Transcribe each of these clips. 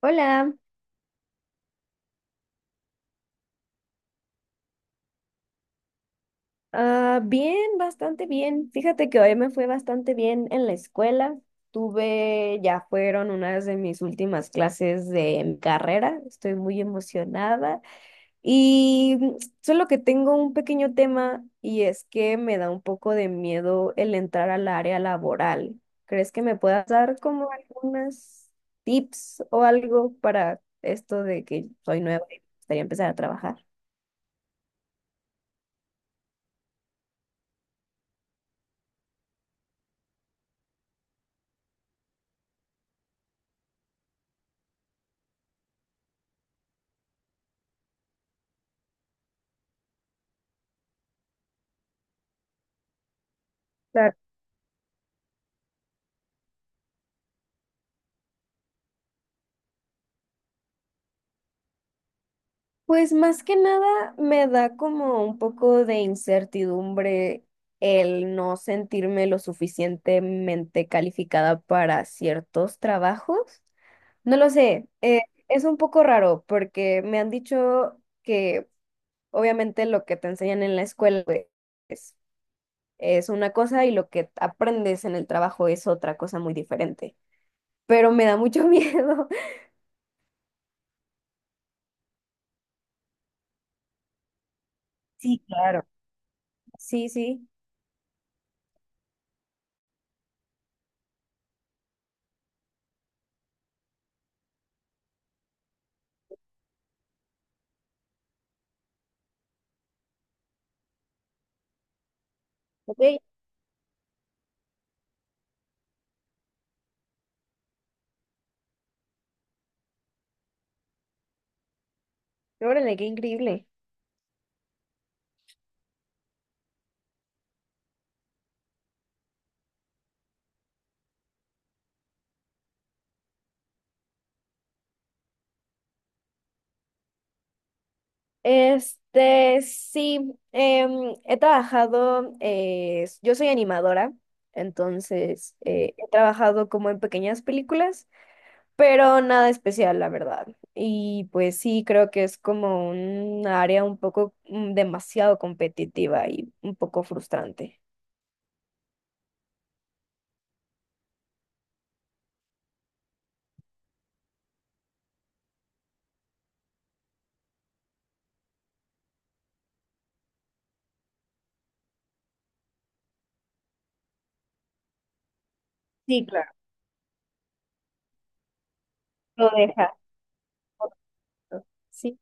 Hola. Bien, bastante bien. Fíjate que hoy me fue bastante bien en la escuela. Tuve, ya fueron unas de mis últimas clases de mi carrera. Estoy muy emocionada y solo que tengo un pequeño tema y es que me da un poco de miedo el entrar al área laboral. ¿Crees que me puedas dar como algunas tips o algo para esto de que soy nueva y me gustaría empezar a trabajar? Pues más que nada me da como un poco de incertidumbre el no sentirme lo suficientemente calificada para ciertos trabajos. No lo sé, es un poco raro porque me han dicho que obviamente lo que te enseñan en la escuela pues, es es una cosa y lo que aprendes en el trabajo es otra cosa muy diferente. Pero me da mucho miedo. Sí, claro. Sí, sí. Ok. Órale, qué increíble. Este, sí, he trabajado, yo soy animadora, entonces he trabajado como en pequeñas películas, pero nada especial, la verdad. Y pues sí, creo que es como un área un poco demasiado competitiva y un poco frustrante. Sí, claro. Lo deja. ¿No? Sí,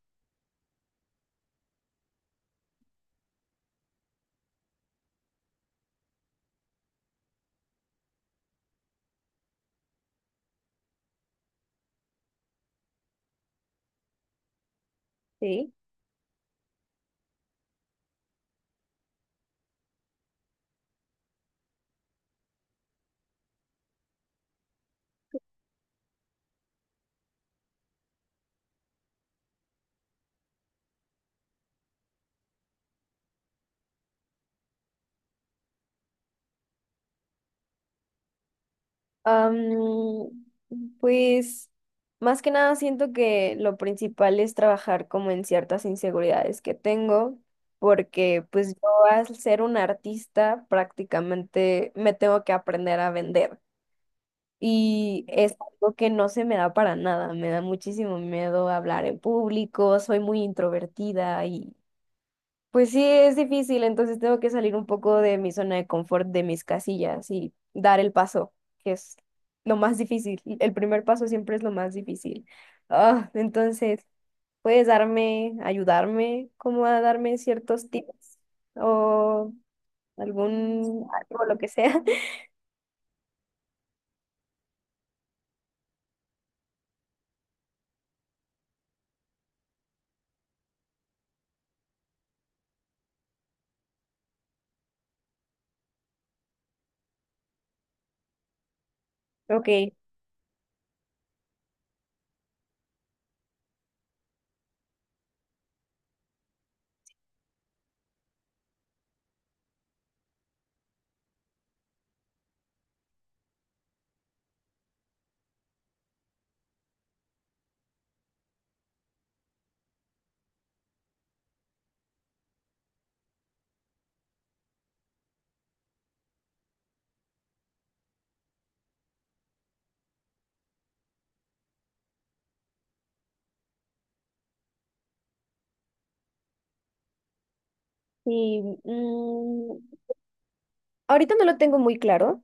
sí. Am, pues más que nada siento que lo principal es trabajar como en ciertas inseguridades que tengo, porque pues yo al ser un artista prácticamente me tengo que aprender a vender y es algo que no se me da para nada, me da muchísimo miedo hablar en público, soy muy introvertida, pues sí, es difícil, entonces tengo que salir un poco de mi zona de confort, de mis casillas y dar el paso, que es lo más difícil. El primer paso siempre es lo más difícil. Ah, entonces, ¿puedes darme, ayudarme, como a darme ciertos tips o algún algo, lo que sea? Ok, y mm, ahorita no lo tengo muy claro,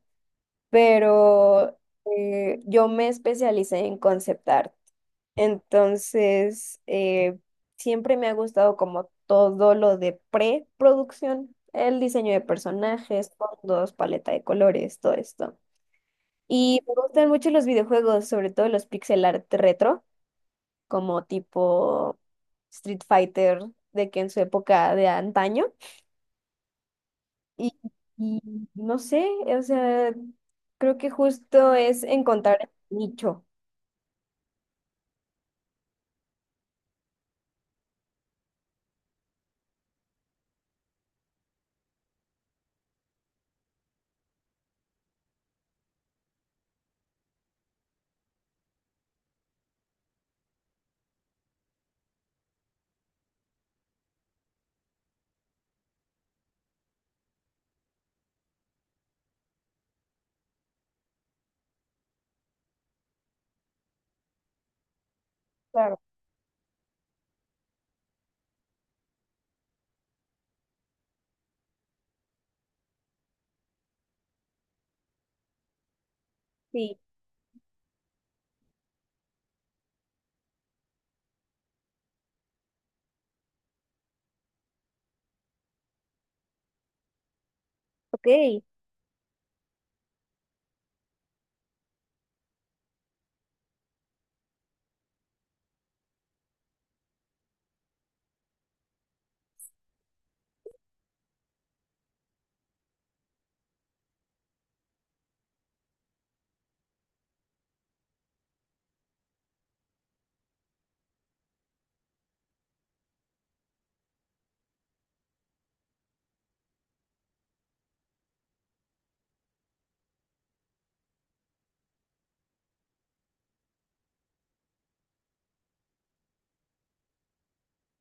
pero yo me especialicé en concept art. Entonces, siempre me ha gustado como todo lo de preproducción, el diseño de personajes, fondos, paleta de colores, todo esto. Y me gustan mucho los videojuegos, sobre todo los pixel art retro, como tipo Street Fighter, de que en su época de antaño. Y, y no sé, o sea, creo que justo es encontrar el nicho. Claro. Sí, ok.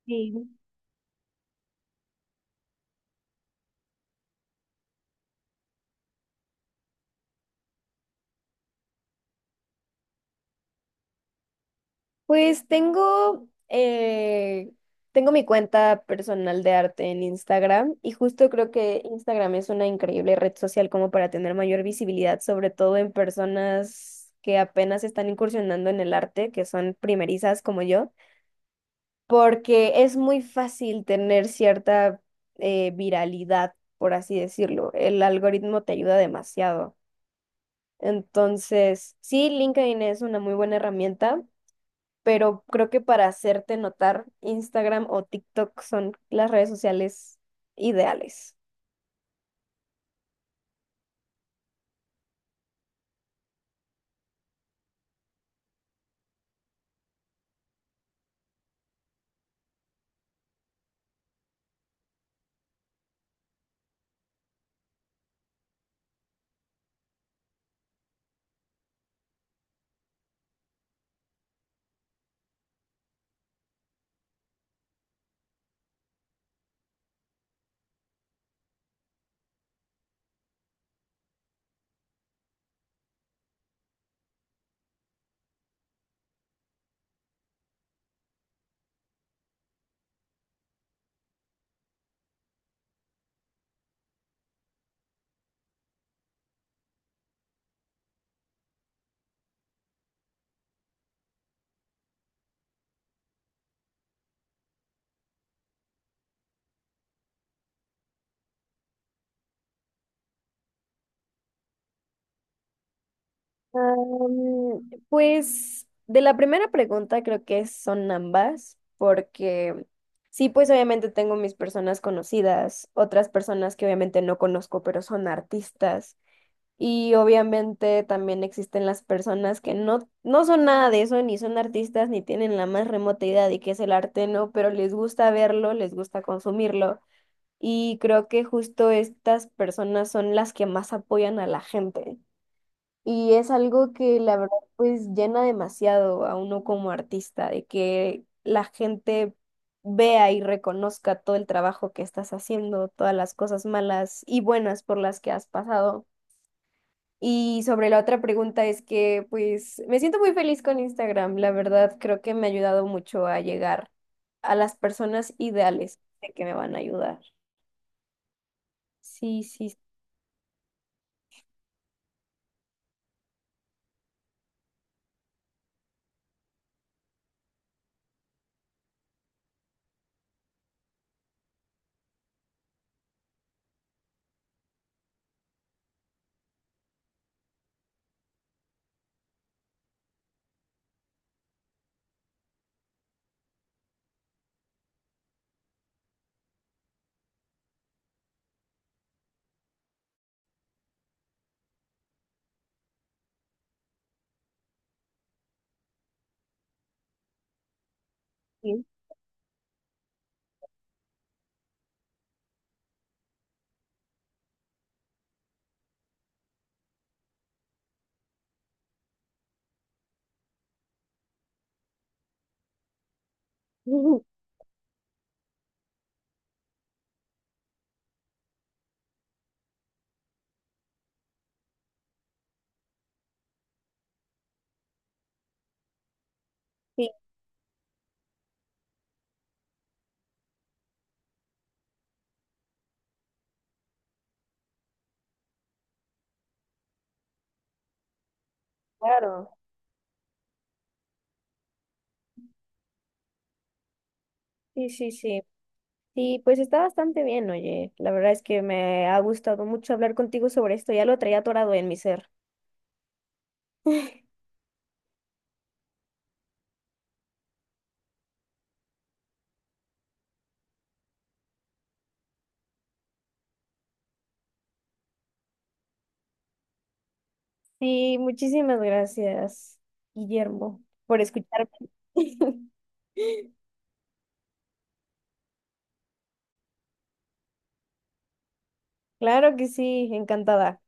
Sí. Pues tengo, tengo mi cuenta personal de arte en Instagram y justo creo que Instagram es una increíble red social como para tener mayor visibilidad, sobre todo en personas que apenas están incursionando en el arte, que son primerizas como yo, porque es muy fácil tener cierta viralidad, por así decirlo. El algoritmo te ayuda demasiado. Entonces, sí, LinkedIn es una muy buena herramienta, pero creo que para hacerte notar, Instagram o TikTok son las redes sociales ideales. Pues de la primera pregunta creo que son ambas, porque sí, pues obviamente tengo mis personas conocidas, otras personas que obviamente no conozco, pero son artistas. Y obviamente también existen las personas que no son nada de eso, ni son artistas, ni tienen la más remota idea de qué es el arte, ¿no? Pero les gusta verlo, les gusta consumirlo. Y creo que justo estas personas son las que más apoyan a la gente. Y es algo que la verdad pues llena demasiado a uno como artista, de que la gente vea y reconozca todo el trabajo que estás haciendo, todas las cosas malas y buenas por las que has pasado. Y sobre la otra pregunta es que pues me siento muy feliz con Instagram, la verdad creo que me ha ayudado mucho a llegar a las personas ideales de que me van a ayudar. Sí, sí, sí. Ujú. Sí, claro. Sí, sí, sí. Sí, pues está bastante bien, oye. La verdad es que me ha gustado mucho hablar contigo sobre esto. Ya lo traía atorado en mi ser. Sí, muchísimas gracias, Guillermo, por escucharme. Claro que sí, encantada.